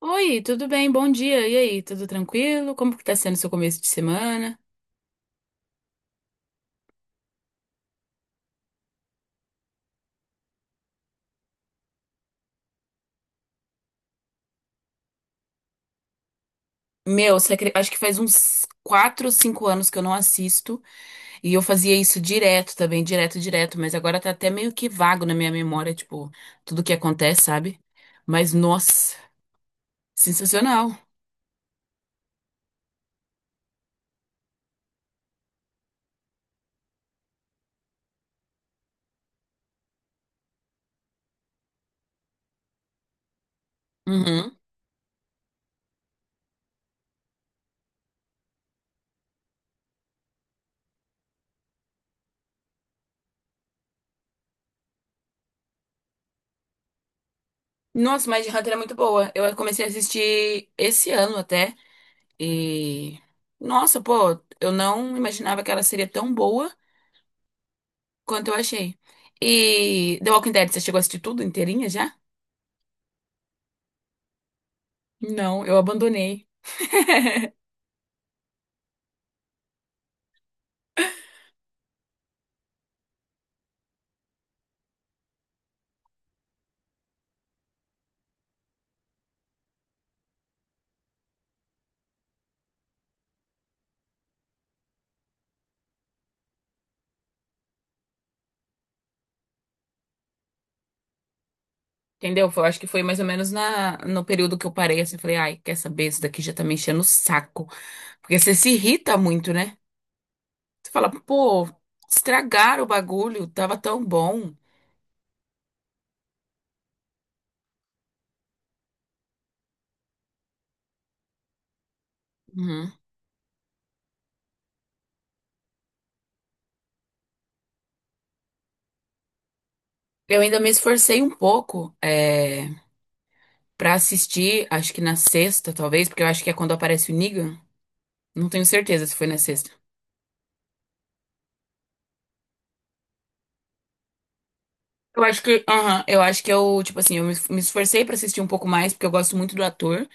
Oi, tudo bem? Bom dia. E aí, tudo tranquilo? Como que tá sendo seu começo de semana? Meu, acho que faz uns 4, ou 5 anos que eu não assisto. E eu fazia isso direto também, direto, direto. Mas agora tá até meio que vago na minha memória, tipo, tudo que acontece, sabe? Mas, nossa, sensacional. Uhum. Nossa, mas Hunter é muito boa. Eu comecei a assistir esse ano até. E. Nossa, pô, eu não imaginava que ela seria tão boa. Quanto eu achei. E The Walking Dead, você chegou a assistir tudo inteirinha já? Não, eu abandonei. Entendeu? Eu acho que foi mais ou menos na, no período que eu parei, assim, falei, ai, quer saber, isso daqui já tá me enchendo o saco. Porque você se irrita muito, né? Você fala, pô, estragaram o bagulho, tava tão bom. Uhum. Eu ainda me esforcei um pouco, pra assistir, acho que na sexta, talvez, porque eu acho que é quando aparece o Negan. Não tenho certeza se foi na sexta. Eu acho que, aham, eu acho que eu, tipo assim, eu me esforcei pra assistir um pouco mais, porque eu gosto muito do ator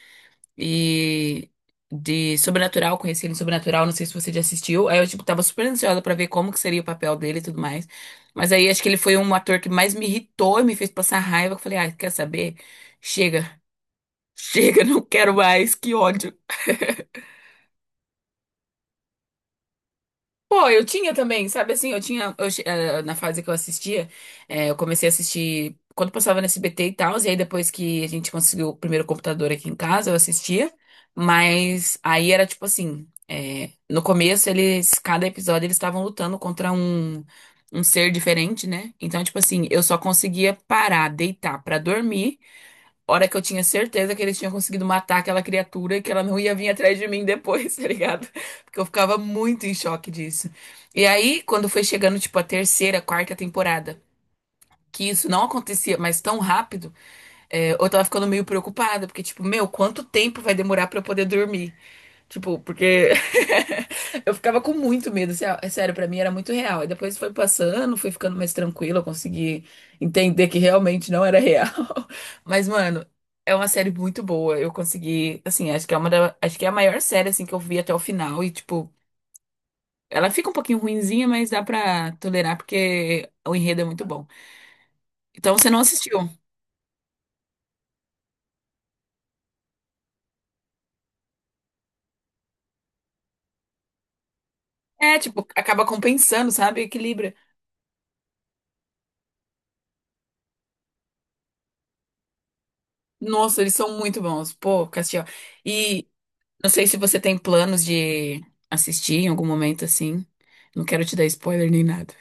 e de Sobrenatural, conheci ele em Sobrenatural, não sei se você já assistiu. Aí eu, tipo, tava super ansiosa pra ver como que seria o papel dele e tudo mais. Mas aí acho que ele foi um ator que mais me irritou e me fez passar raiva. Eu falei, ah, quer saber? Chega, chega, não quero mais, que ódio. Pô, eu tinha também, sabe assim, eu tinha, na fase que eu assistia, eu comecei a assistir quando passava no SBT e tal, e aí depois que a gente conseguiu o primeiro computador aqui em casa, eu assistia, mas aí era tipo assim, no começo eles, cada episódio eles estavam lutando contra um ser diferente, né? Então, tipo assim, eu só conseguia parar, deitar pra dormir. Hora que eu tinha certeza que eles tinham conseguido matar aquela criatura e que ela não ia vir atrás de mim depois, tá ligado? Porque eu ficava muito em choque disso. E aí, quando foi chegando, tipo, a terceira, quarta temporada, que isso não acontecia mais tão rápido, é, eu tava ficando meio preocupada, porque, tipo, meu, quanto tempo vai demorar pra eu poder dormir? Tipo, porque eu ficava com muito medo, é sério, pra mim era muito real. E depois foi passando, fui ficando mais tranquila, eu consegui entender que realmente não era real. Mas, mano, é uma série muito boa. Eu consegui, assim, acho que é uma da, acho que é a maior série assim que eu vi até o final e tipo, ela fica um pouquinho ruinzinha, mas dá pra tolerar porque o enredo é muito bom. Então, você não assistiu? É, tipo, acaba compensando, sabe? Equilibra. Nossa, eles são muito bons. Pô, Castiel. Não sei se você tem planos de assistir em algum momento assim. Não quero te dar spoiler nem nada.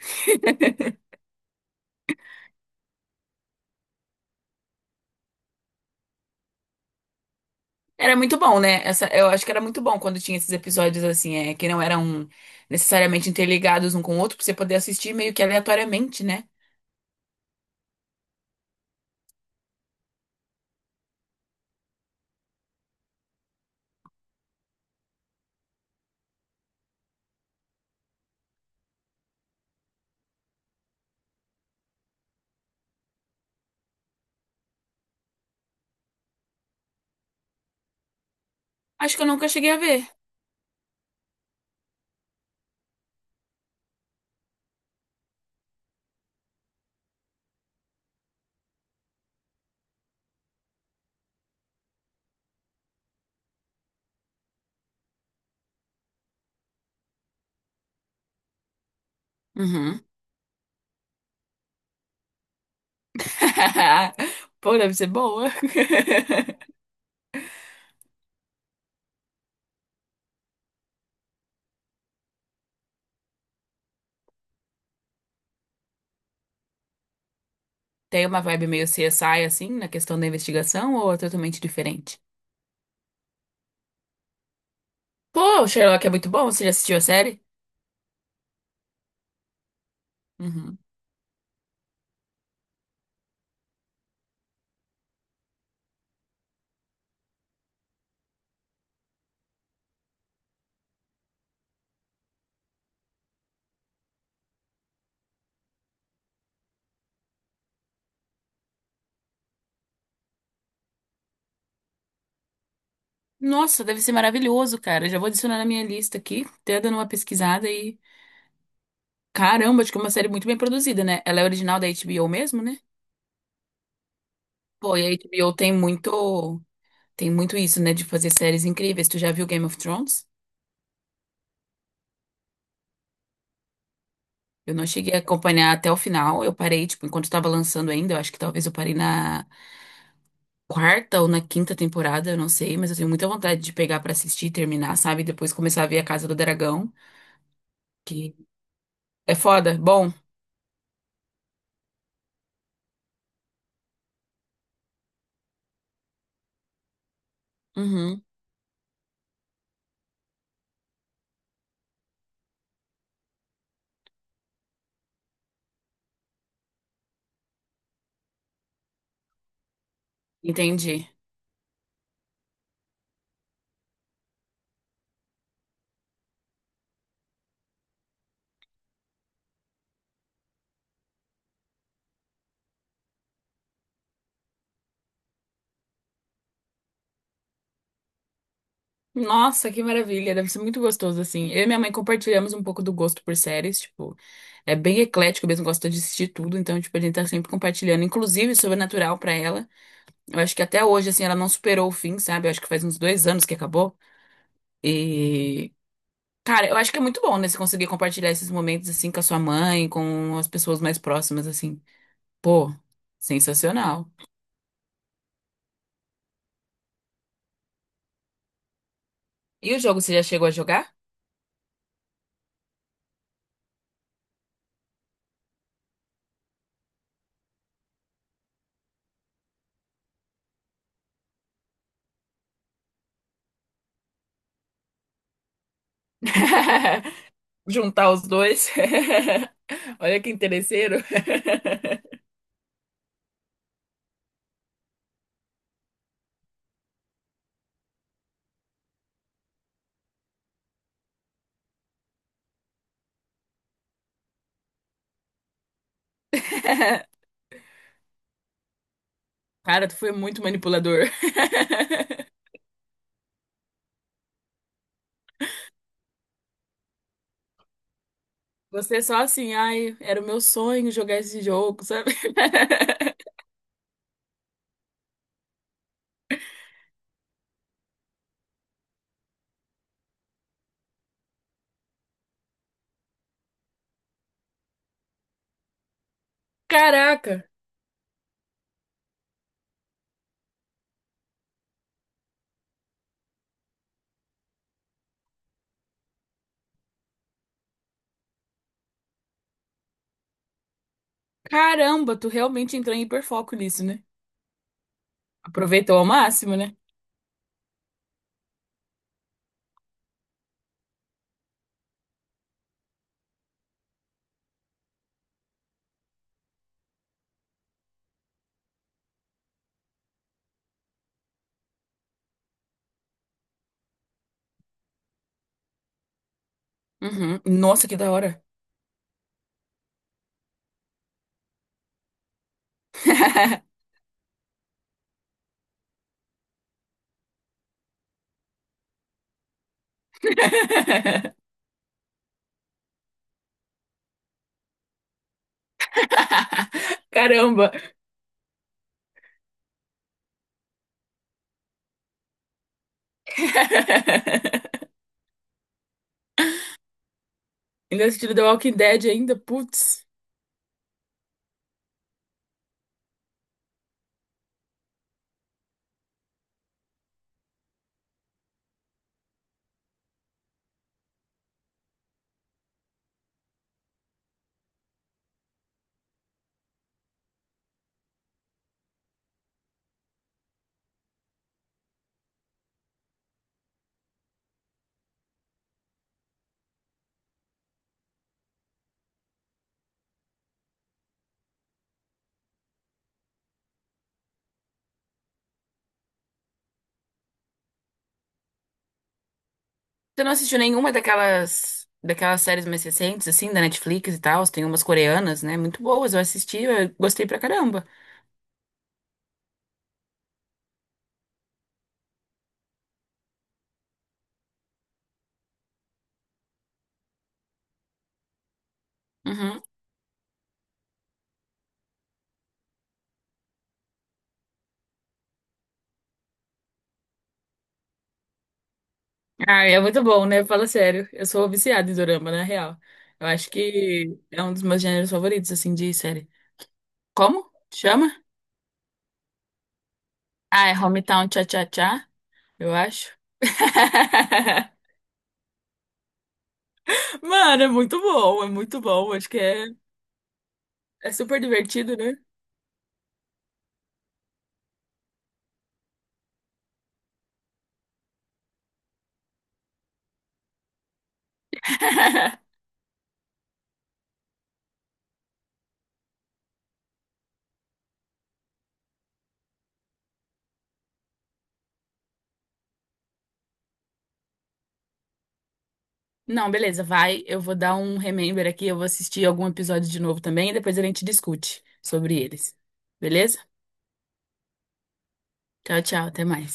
Era muito bom, né? Essa, eu acho que era muito bom quando tinha esses episódios assim, é, que não eram necessariamente interligados um com o outro, pra você poder assistir meio que aleatoriamente, né? Acho que eu nunca cheguei a ver. Uhum. Pô, deve ser boa. Tem uma vibe meio CSI, assim, na questão da investigação, ou é totalmente diferente? Pô, Sherlock é muito bom, você já assistiu a série? Uhum. Nossa, deve ser maravilhoso, cara. Já vou adicionar na minha lista aqui, até dando uma pesquisada e. Caramba, acho que é uma série muito bem produzida, né? Ela é original da HBO mesmo, né? Pô, e a HBO tem muito. Tem muito isso, né? De fazer séries incríveis. Tu já viu Game of Thrones? Eu não cheguei a acompanhar até o final. Eu parei, tipo, enquanto tava lançando ainda. Eu acho que talvez eu parei na quarta ou na quinta temporada, eu não sei. Mas eu tenho muita vontade de pegar pra assistir, terminar, sabe? E depois começar a ver A Casa do Dragão, que é foda. Bom, uhum, entendi. Nossa, que maravilha, deve ser muito gostoso assim. Eu e minha mãe compartilhamos um pouco do gosto por séries, tipo, é bem eclético mesmo, gosta de assistir tudo, então, tipo, a gente tá sempre compartilhando, inclusive Sobrenatural pra ela. Eu acho que até hoje, assim, ela não superou o fim, sabe? Eu acho que faz uns 2 anos que acabou. E, cara, eu acho que é muito bom, né, você conseguir compartilhar esses momentos, assim, com a sua mãe, com as pessoas mais próximas, assim. Pô, sensacional. E o jogo, você já chegou a jogar? Juntar os dois? Olha que interesseiro. Cara, tu foi muito manipulador. Você só assim, ai, era o meu sonho jogar esse jogo, sabe? Caraca, caramba, tu realmente entrou em hiperfoco nisso, né? Aproveitou ao máximo, né? Uhum. Nossa, que da hora. Caramba. Ainda assistindo The Walking Dead ainda, putz. Você não assistiu nenhuma daquelas séries mais recentes, assim, da Netflix e tal? Tem umas coreanas, né? Muito boas. Eu assisti, eu gostei pra caramba. Uhum. Ah, é muito bom, né? Fala sério. Eu sou viciada em dorama, na real. Eu acho que é um dos meus gêneros favoritos, assim, de série. Como? Chama? Ah, é Hometown Cha-Cha-Cha, eu acho. Mano, é muito bom, é muito bom. Acho que é, é super divertido, né? Não, beleza, vai. Eu vou dar um remember aqui, eu vou assistir algum episódio de novo também e depois a gente discute sobre eles. Beleza? Tchau, tchau, até mais.